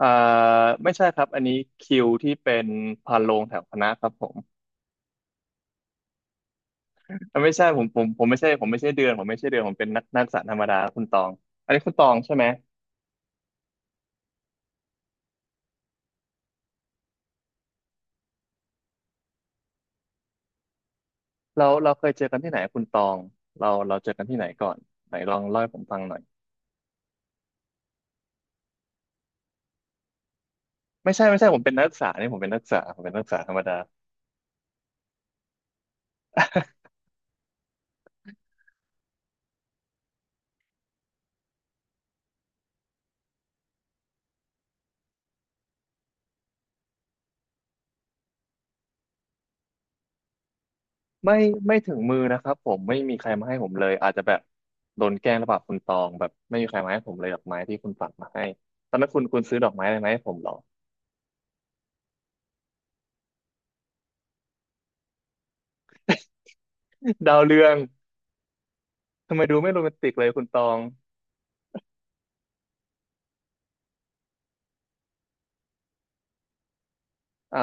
อ่าไม่ใช่ครับอันนี้คิวที่เป็นพานโรงแถวคณะครับผมอ่ะไม่ใช่ผมผมไม่ใช่ผมไม่ใช่เดือนผมไม่ใช่เดือนผมเป็นนักศึกษาธรรมดาคุณตองอันนี้คุณตองใช่ไหมเราเคยเจอกันที่ไหนคุณตองเราเจอกันที่ไหนก่อนไหนลองเล่าให้ผมฟังหน่อยไม่ใช่ผมเป็นนักศึกษานี่ผมเป็นนักศึกษาผมเป็นนักศึกษาธรรมดาไม่ไม่ถึงมือนะครับผมไม่มีใครมาให้ผมเลยอาจจะแบบโดนแกล้งหรือเปล่าคุณตองแบบไม่มีใครมาให้ผมเลยดอกไม้ที่คุณฝากมาให้ตอนนั้นคุณซื้อดอกไม้อะไรมาให้ผมเหรอ ดาวเรือง ทำไมดูไม่โรแมนติกเลยคุณตองเอ้า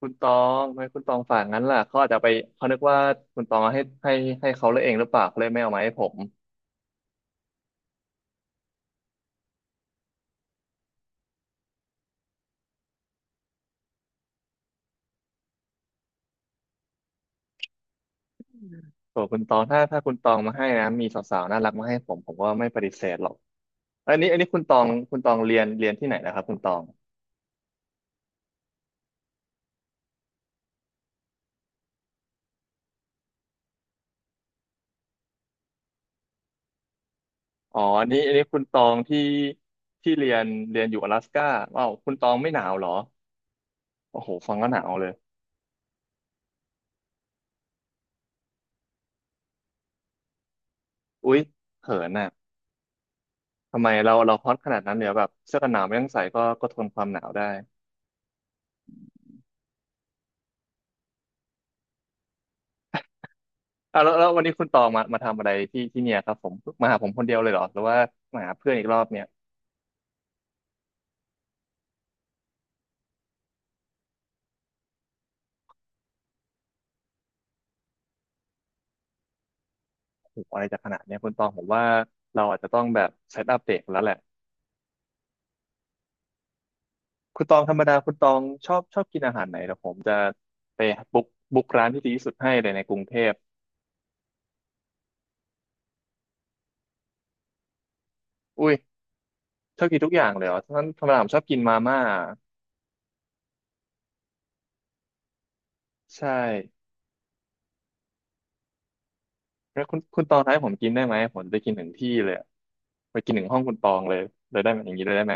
คุณตองทำไมคุณตองฝากงั้นล่ะเขาอาจจะไปเขานึกว่าคุณตองเอาให้ให้เขาเลยเองหรือเปล่าเขาเลยไม่เอามาให้ผมโอ้คุณตองถ้าคุณตองมาให้นะ มีสาวๆน่ารักมาให้ผม ผมก็ไม่ปฏิเสธหรอกอันนี้คุณตองเรียนที่ไหนนะครับคุณตองอ๋ออันนี้คุณตองที่ที่เรียนเรียนอยู่อลาสก้าว้าวคุณตองไม่หนาวเหรอโอ้โหฟังก็หนาวเลยอุ๊ยเขินน่ะทำไมเราฮอตขนาดนั้นเนี่ยแบบเสื้อกันหนาวไม่ต้องใส่ก็ทนความหนาวได้ อ่ะแล้ววันนี้คุณตองมาทำอะไรที่เนี่ยครับผมมาหาผมคนเดียวเลยเหรอหรือว่ามาหาเพื่อนอีกรอบเนี่ยโอ้โหอะไรจะขนาดเนี้ยคุณตองผมว่าเราอาจจะต้องแบบเซตอัปเดตแล้วแหละคุณตองธรรมดาคุณตองชอบกินอาหารไหนเดี๋ยวผมจะไปบุ๊กบุ๊กร้านที่ดีที่สุดให้เลยในกรุงเทพอุ้ยชอบกินทุกอย่างเลยเหรอท่านธรรมดาผมชอบกินมาม่าใช่แล้วคุณตองท้ายผมกินได้ไหมผมจะไปกินถึงที่เลยอะไปกินถึงห้องคุณตองเลยเลยได้ไหมอย่างนี้เลยได้ไหม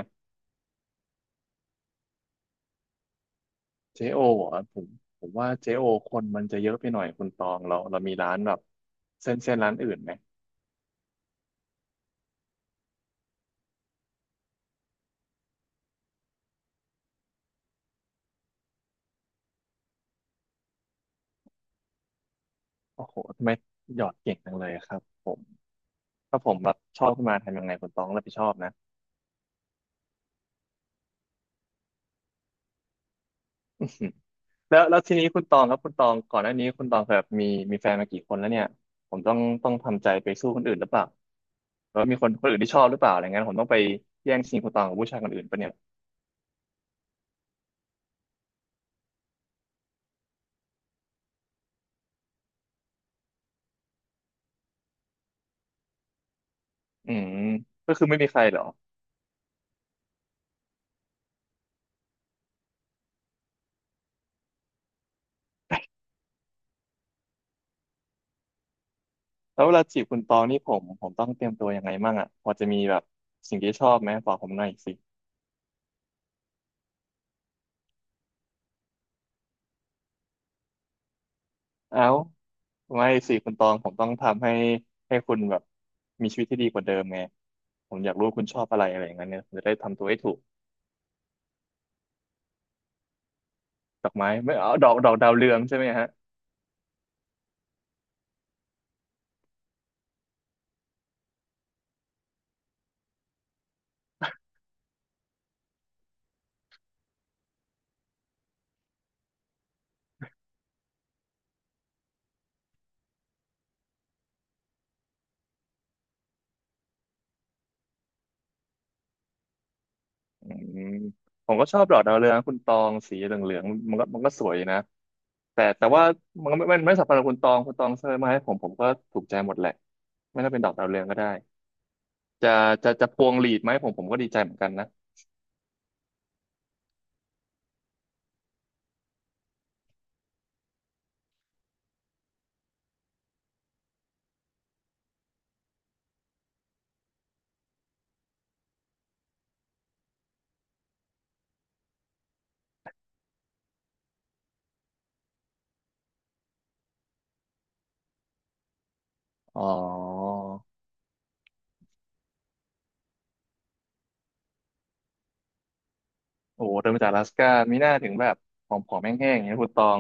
เจโอเหรอะผมผมว่าเจโอคนมันจะเยอะไปหน่อยคุณตองเราเรามีร้านแบบเส้นร้านอื่นไหมโอ้โหทำไมหยอดเก่งจังเลยครับผมถ้าผมแบบชอบขึ้นมาทำยังไงคุณตองรับผิดชอบนะ แล้วทีนี้คุณตองครับคุณตองก่อนหน้านี้คุณตองเคยแบบมีมีแฟนมากี่คนแล้วเนี่ยผมต้องทำใจไปสู้คนอื่นหรือเปล่าแล้วามีคนอื่นที่ชอบหรือเปล่าอะไรเงี้ยผมต้องไปแย่งชิงคุณตองกับผู้ชายคนอื่นปะเนี่ยอืมก็คือไม่มีใครเหรอ แล้วเวลาจีบคุณตองนี่ผมต้องเตรียมตัวยังไงมั่งอ่ะพอจะมีแบบสิ่งที่ชอบไหมบอกผมหน่อยสิเอ้าไม่สิคุณตองผมต้องทำให้ให้คุณแบบมีชีวิตที่ดีกว่าเดิมไงผมอยากรู้ว่าคุณชอบอะไรอะไรอย่างเงี้ยเนี่ยผมจะได้ทำตัวให้ถูกดอกไม้ไม่เอาดอกดาวเรืองใช่ไหมฮะอืมผมก็ชอบดอกดาวเรืองนะคุณตองสีเหลืองๆมันก็สวยดีนะแต่ว่ามันก็ไม่สำคัญกับคุณตองคุณตองเสนอมาให้ผมผมก็ถูกใจหมดแหละไม่ต้องเป็นดอกดาวเรืองก็ได้ จะจะพวงหลีดไหมผมก็ดีใจเหมือนกันนะอ๋อโอ้โหเดินมาจากอลาสก้ามีหน้าถึงแบบผอมๆแห้งๆอย่างนี้ยคุณตอง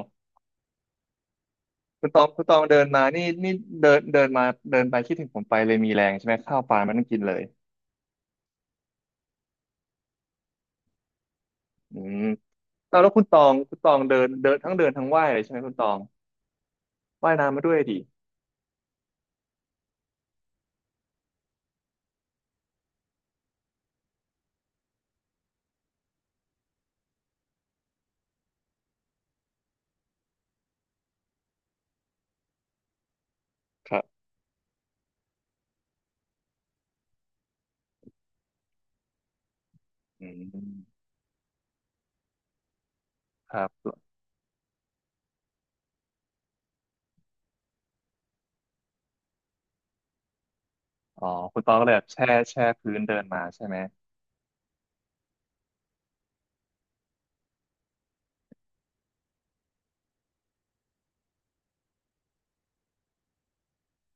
คุณตองเดินมานี่เดินเดินมาเดินไปคิดถึงผมไปเลยมีแรงใช่ไหมข้าวปลามันต้องกินเลยอืมแล้วคุณตองคุณตองเดินเดินทั้งเดินทั้งว่ายเลยใช่ไหมคุณตองว่ายน้ำมาด้วยดิครับอืมครับอ๋อคุณตองก็เลยแบบแช่พื้นเดินมาใช่ไหม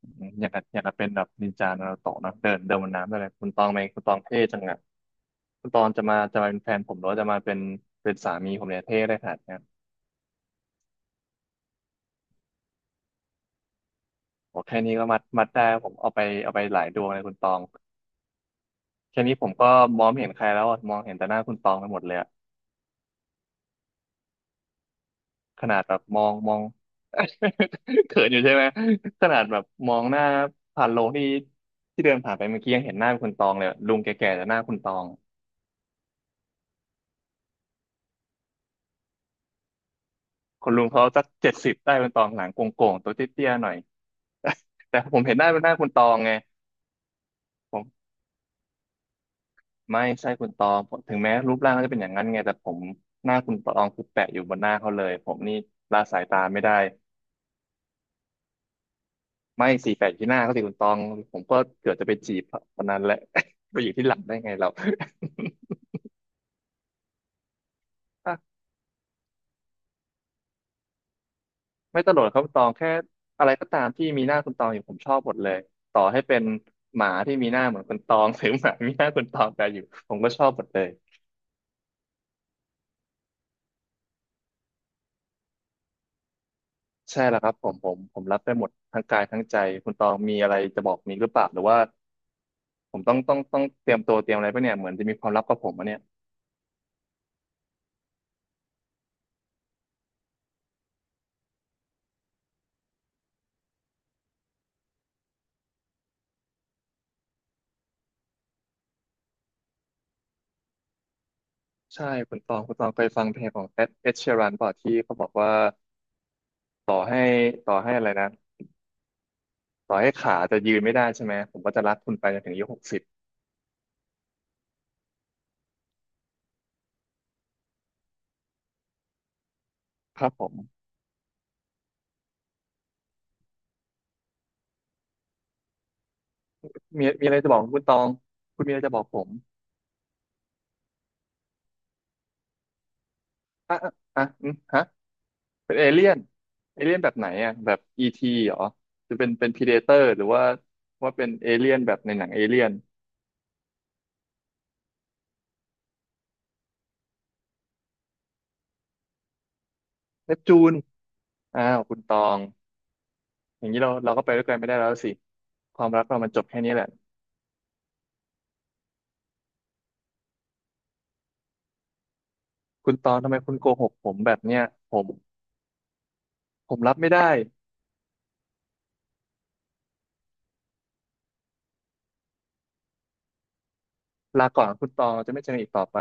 อืมอย่างกับเป็นแบบนินจานารูโตะเนอะเดินเดินบนน้ำอะไรคุณตองไหมคุณตองเท่จังอะ ตอนจะมาเป็นแฟนผมหรือว่าจะมาเป็นเป็นสามีผมเนี่ยเท่ได้ขนาดเนี้ยโอ้แค่นี้ก็มัดได้ผมเอาไปหลายดวงเลยคุณตองแค่นี้ผมก็มองไม่เห็นใครแล้วอะมองเห็นแต่หน้าคุณตองไปหมดเลยอะขนาดแบบมอง เขินอยู่ใช่ไหมขนาดแบบมองหน้าผ่านโลงที่เดินผ่านไปเมื่อกี้ยังเห็นหน้าคุณตองเลยอะลุงแก่ๆแต่หน้าคุณตองคนลุงเขาสักเจ็ดสิบได้คุณตองหลังโก่งๆตัวเตี้ยๆหน่อยแต่ผมเห็นหน้าเป็นหน้าคุณตองไง ไม่ใช่คุณตองเพราะถึงแม้รูปร่างเขาจะเป็นอย่างนั้นไงแต่ผมหน้าคุณตองคือแปะอยู่บนหน้าเขาเลยผมนี่ละสายตาไม่ได้ไม่สี่แปะที่หน้าเขาสิคุณตองผมก็เกือบจะไปจีบคนนั้นแหละ ไปอยู่ที่หลังได้ไงเรา อ่ะไม่ตลกหกครับคุณตองแค่อะไรก็ตามที่มีหน้าคุณตองอยู่ผมชอบหมดเลยต่อให้เป็นหมาที่มีหน้าเหมือนคุณตอง หรือหมามีหน้าคุณตองแต่อยู่ผมก็ชอบหมดเลยใช่แล้วครับผมรับได้หมดทั้งกายทั้งใจคุณตองมีอะไรจะบอกนี้หรือเปล่าหรือว่า ผมต้องเตรียมตัวเตรียมอะไรปะเนี่ยเหมือนจะมีความลับกับผมอะเนี่ยใช่คุณตองคุณตองเคยฟังเพลงของเอ็ดเอ็เชยรันป่ะที่เขาบอกว่าต่อให้ต่อให้อะไรนะต่อให้ขาจะยืนไม่ได้ใช่ไหมผมก็จะรักคุณไปจนถึงอายุหกสิบครับผมมีอะไรจะบอกคุณตองคุณมีอะไรจะบอกผมอ่ะอ่ะอ่ะอืมฮะเป็นเอเลี่ยนเอเลี่ยนแบบไหนอ่ะแบบอีทีเหรอจะเป็นพรีเดเตอร์หรือว่าเป็นเอเลี่ยนแบบในหนังเอเลี่ยนเนปจูนอ้าวคุณตอง อย่างนี้เราก็ไปด้วยกันไม่ได้แล้วสิความรักเรามันจบแค่นี้แหละคุณตองทำไมคุณโกหกผมแบบเนี้ยผมผมรับไม่ได้ลาก่อนคุณตองจะไม่เจอกันอีกต่อไป